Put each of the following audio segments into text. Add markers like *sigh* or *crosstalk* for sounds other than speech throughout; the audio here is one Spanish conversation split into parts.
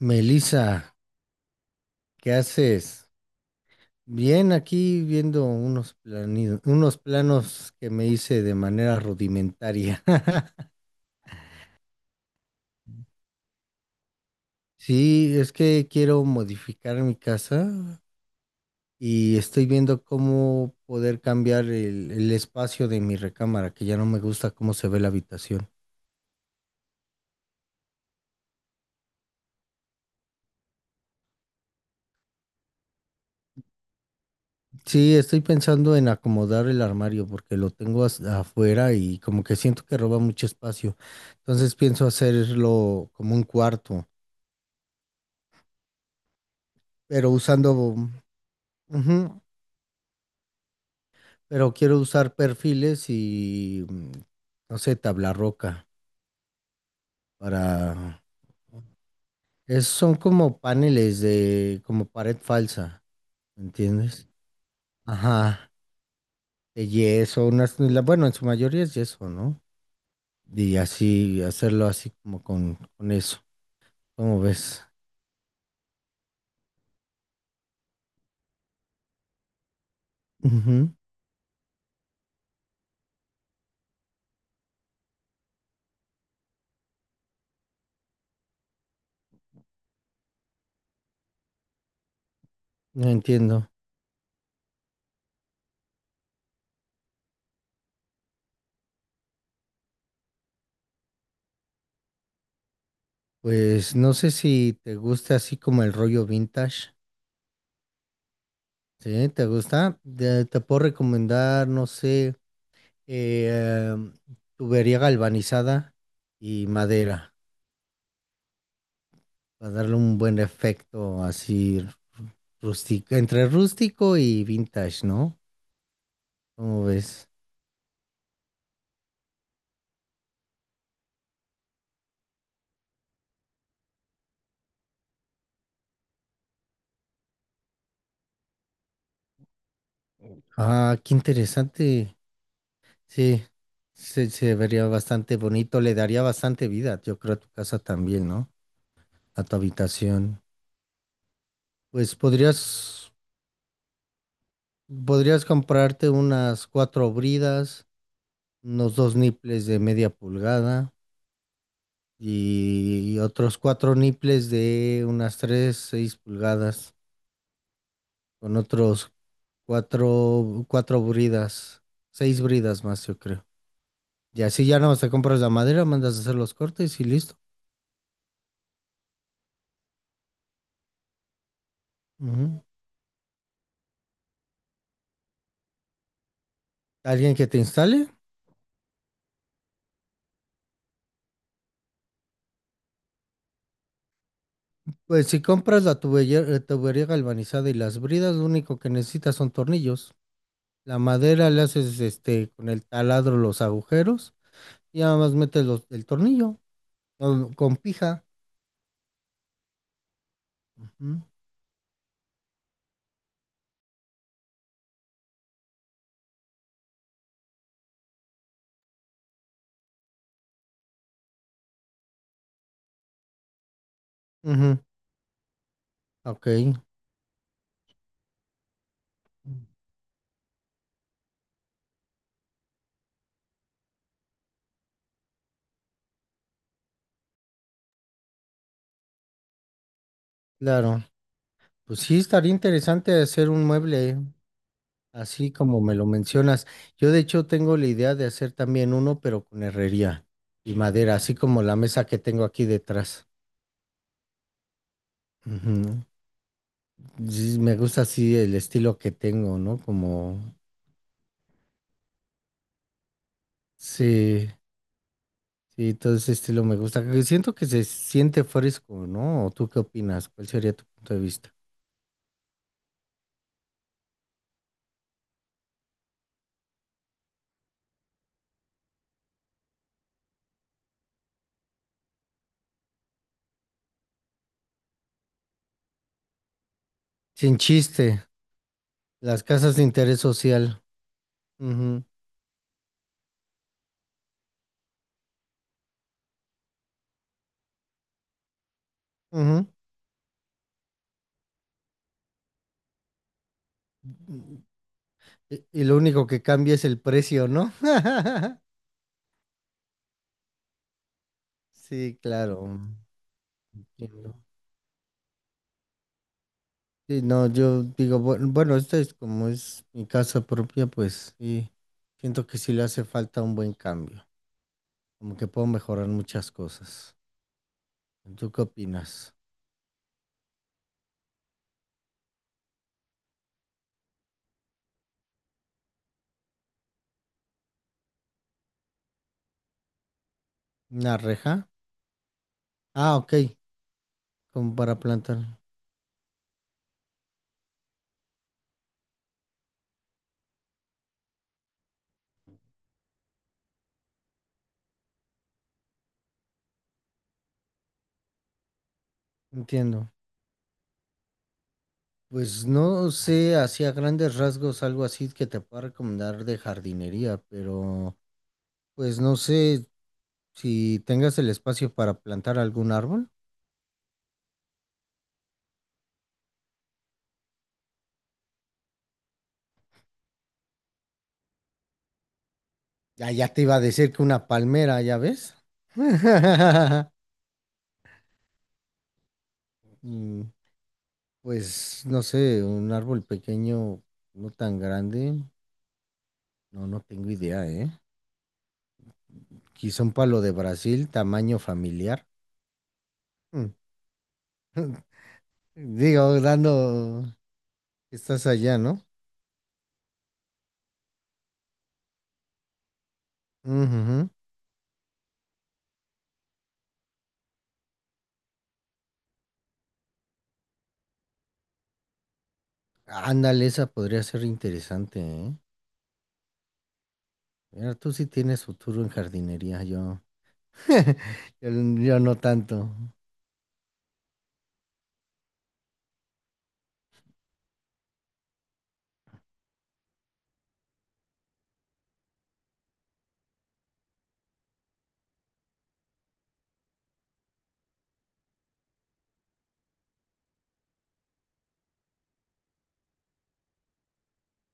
Melissa, ¿qué haces? Bien, aquí viendo unos unos planos que me hice de manera rudimentaria. *laughs* Sí, es que quiero modificar mi casa y estoy viendo cómo poder cambiar el espacio de mi recámara, que ya no me gusta cómo se ve la habitación. Sí, estoy pensando en acomodar el armario porque lo tengo afuera y como que siento que roba mucho espacio. Entonces pienso hacerlo como un cuarto, pero usando. Ujú. Pero quiero usar perfiles y, no sé, tabla roca para... son como paneles de, como pared falsa, ¿entiendes? Ajá, de yeso, unas, bueno, en su mayoría es yeso, ¿no? Y así, hacerlo así como con eso, ¿cómo ves? Ujú. No entiendo. Pues no sé si te gusta así como el rollo vintage, ¿sí? ¿Te gusta? Te puedo recomendar, no sé. eh, em, tubería galvanizada y madera para darle un buen efecto así rústico, entre rústico y vintage, ¿no? ¿Cómo ves? Ah, qué interesante. Sí, se vería bastante bonito, le daría bastante vida, yo creo, a tu casa también, ¿no? A tu habitación. Pues podrías comprarte unas cuatro bridas, unos dos niples de media pulgada y otros cuatro nipples de unas 3 6 pulgadas, con otros cuatro bridas, seis bridas más, yo creo. Y así ya no te compras la madera, mandas a hacer los cortes y listo. Ujú. ¿Alguien que te instale? Pues si compras la tubería, tubería galvanizada y las bridas, lo único que necesitas son tornillos. La madera le haces este con el taladro los agujeros y nada más metes el tornillo o con pija. Ujú. Ujú. Ok. Claro, pues sí, estaría interesante hacer un mueble, ¿eh?, así como me lo mencionas. Yo de hecho tengo la idea de hacer también uno, pero con herrería y madera, así como la mesa que tengo aquí detrás. Ujú. Sí, me gusta así el estilo que tengo, ¿no? Sí, sí, todo ese estilo me gusta, que siento que se siente fresco, ¿no? ¿O tú qué opinas? ¿Cuál sería tu punto de vista? Sin chiste, las casas de interés social. Ujú, ujú. Y lo único que cambia es el precio, ¿no? *laughs* Sí, claro. Entiendo. Sí, no, yo digo, bueno, esto es como es mi casa propia, pues sí, siento que sí le hace falta un buen cambio, como que puedo mejorar muchas cosas. ¿Tú qué opinas? ¿Una reja? Ah, ok, como para plantar, entiendo. Pues no sé, así a grandes rasgos, algo así que te pueda recomendar de jardinería, pero pues no sé si tengas el espacio para plantar algún árbol. Ya, ya te iba a decir que una palmera, ¿ya ves? *laughs* Mm. Pues no sé, un árbol pequeño, no tan grande. No, no tengo idea, ¿eh? Quizá un palo de Brasil, tamaño familiar. Mm. Digo, dando... Estás allá, ¿no? Ujujú. Ándale, esa podría ser interesante, ¿eh? Mira, tú sí tienes futuro en jardinería, yo. *laughs* Yo no tanto.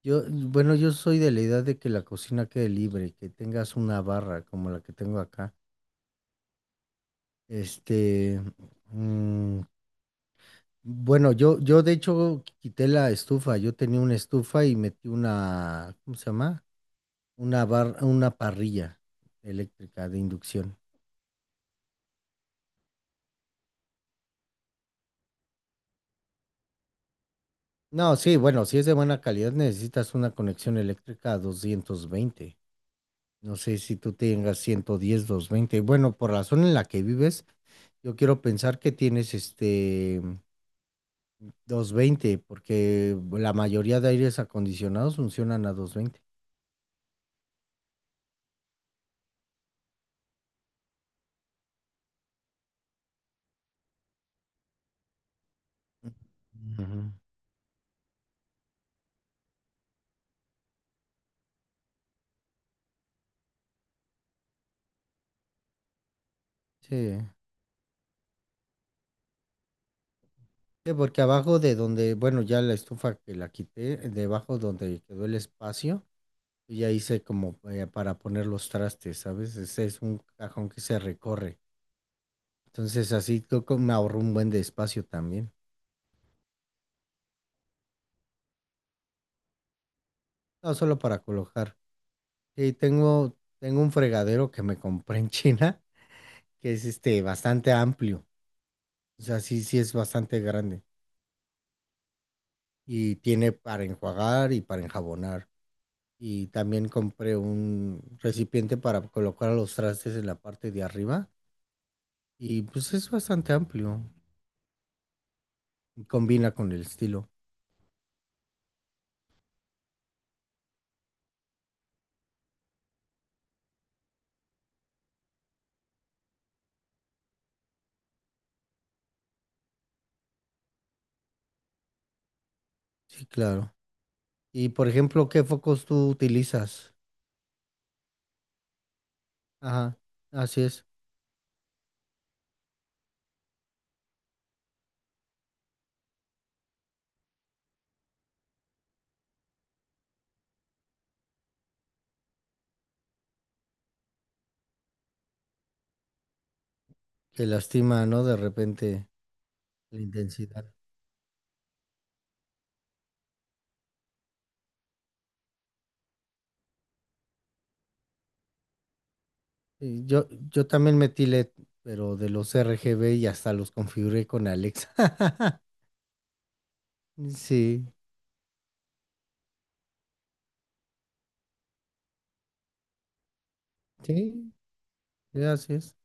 Yo, bueno, yo soy de la idea de que la cocina quede libre, que tengas una barra como la que tengo acá. Este, mm, bueno, yo de hecho quité la estufa. Yo tenía una estufa y metí una, ¿cómo se llama? Una barra, una parrilla eléctrica de inducción. No, sí, bueno, si es de buena calidad necesitas una conexión eléctrica a 220. No sé si tú tengas 110, 220. Bueno, por la zona en la que vives, yo quiero pensar que tienes 220, porque la mayoría de aires acondicionados funcionan a 220. Ujú. Sí. Sí, porque abajo de donde, bueno, ya la estufa que la quité, debajo donde quedó el espacio, yo ya hice como para poner los trastes, ¿sabes? Ese es un cajón que se recorre. Entonces así creo que me ahorró un buen de espacio también. No solo para colocar. Sí, tengo un fregadero que me compré en China, que es este bastante amplio. O sea, sí, sí es bastante grande. Y tiene para enjuagar y para enjabonar. Y también compré un recipiente para colocar los trastes en la parte de arriba y pues es bastante amplio y combina con el estilo. Sí, claro. Y por ejemplo, ¿qué focos tú utilizas? Ajá, así es, que lastima, ¿no? De repente la intensidad. Sí, yo también metí LED, pero de los RGB y hasta los configuré con Alexa. *laughs* Sí, sí, sí, así es.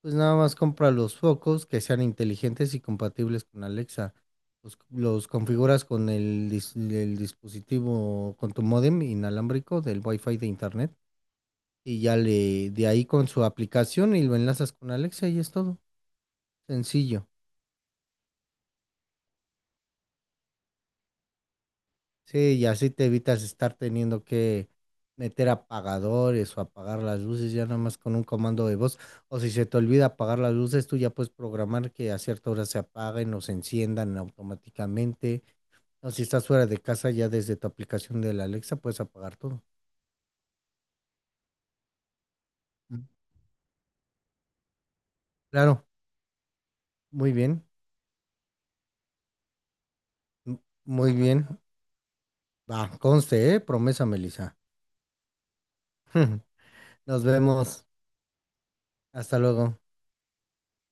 Pues nada más compra los focos que sean inteligentes y compatibles con Alexa. Los configuras con el dispositivo, con tu módem inalámbrico del Wi-Fi de internet y ya le de ahí con su aplicación y lo enlazas con Alexa y es todo. Sencillo. Sí, y así te evitas estar teniendo que meter apagadores o apagar las luces ya nada más con un comando de voz. O si se te olvida apagar las luces, tú ya puedes programar que a cierta hora se apaguen o se enciendan automáticamente. O si estás fuera de casa, ya desde tu aplicación de la Alexa puedes apagar todo. Mm. Claro, muy bien, m- muy bien. Va, conste, ¿eh? Promesa, Melissa. *laughs* Nos vemos. Hasta luego.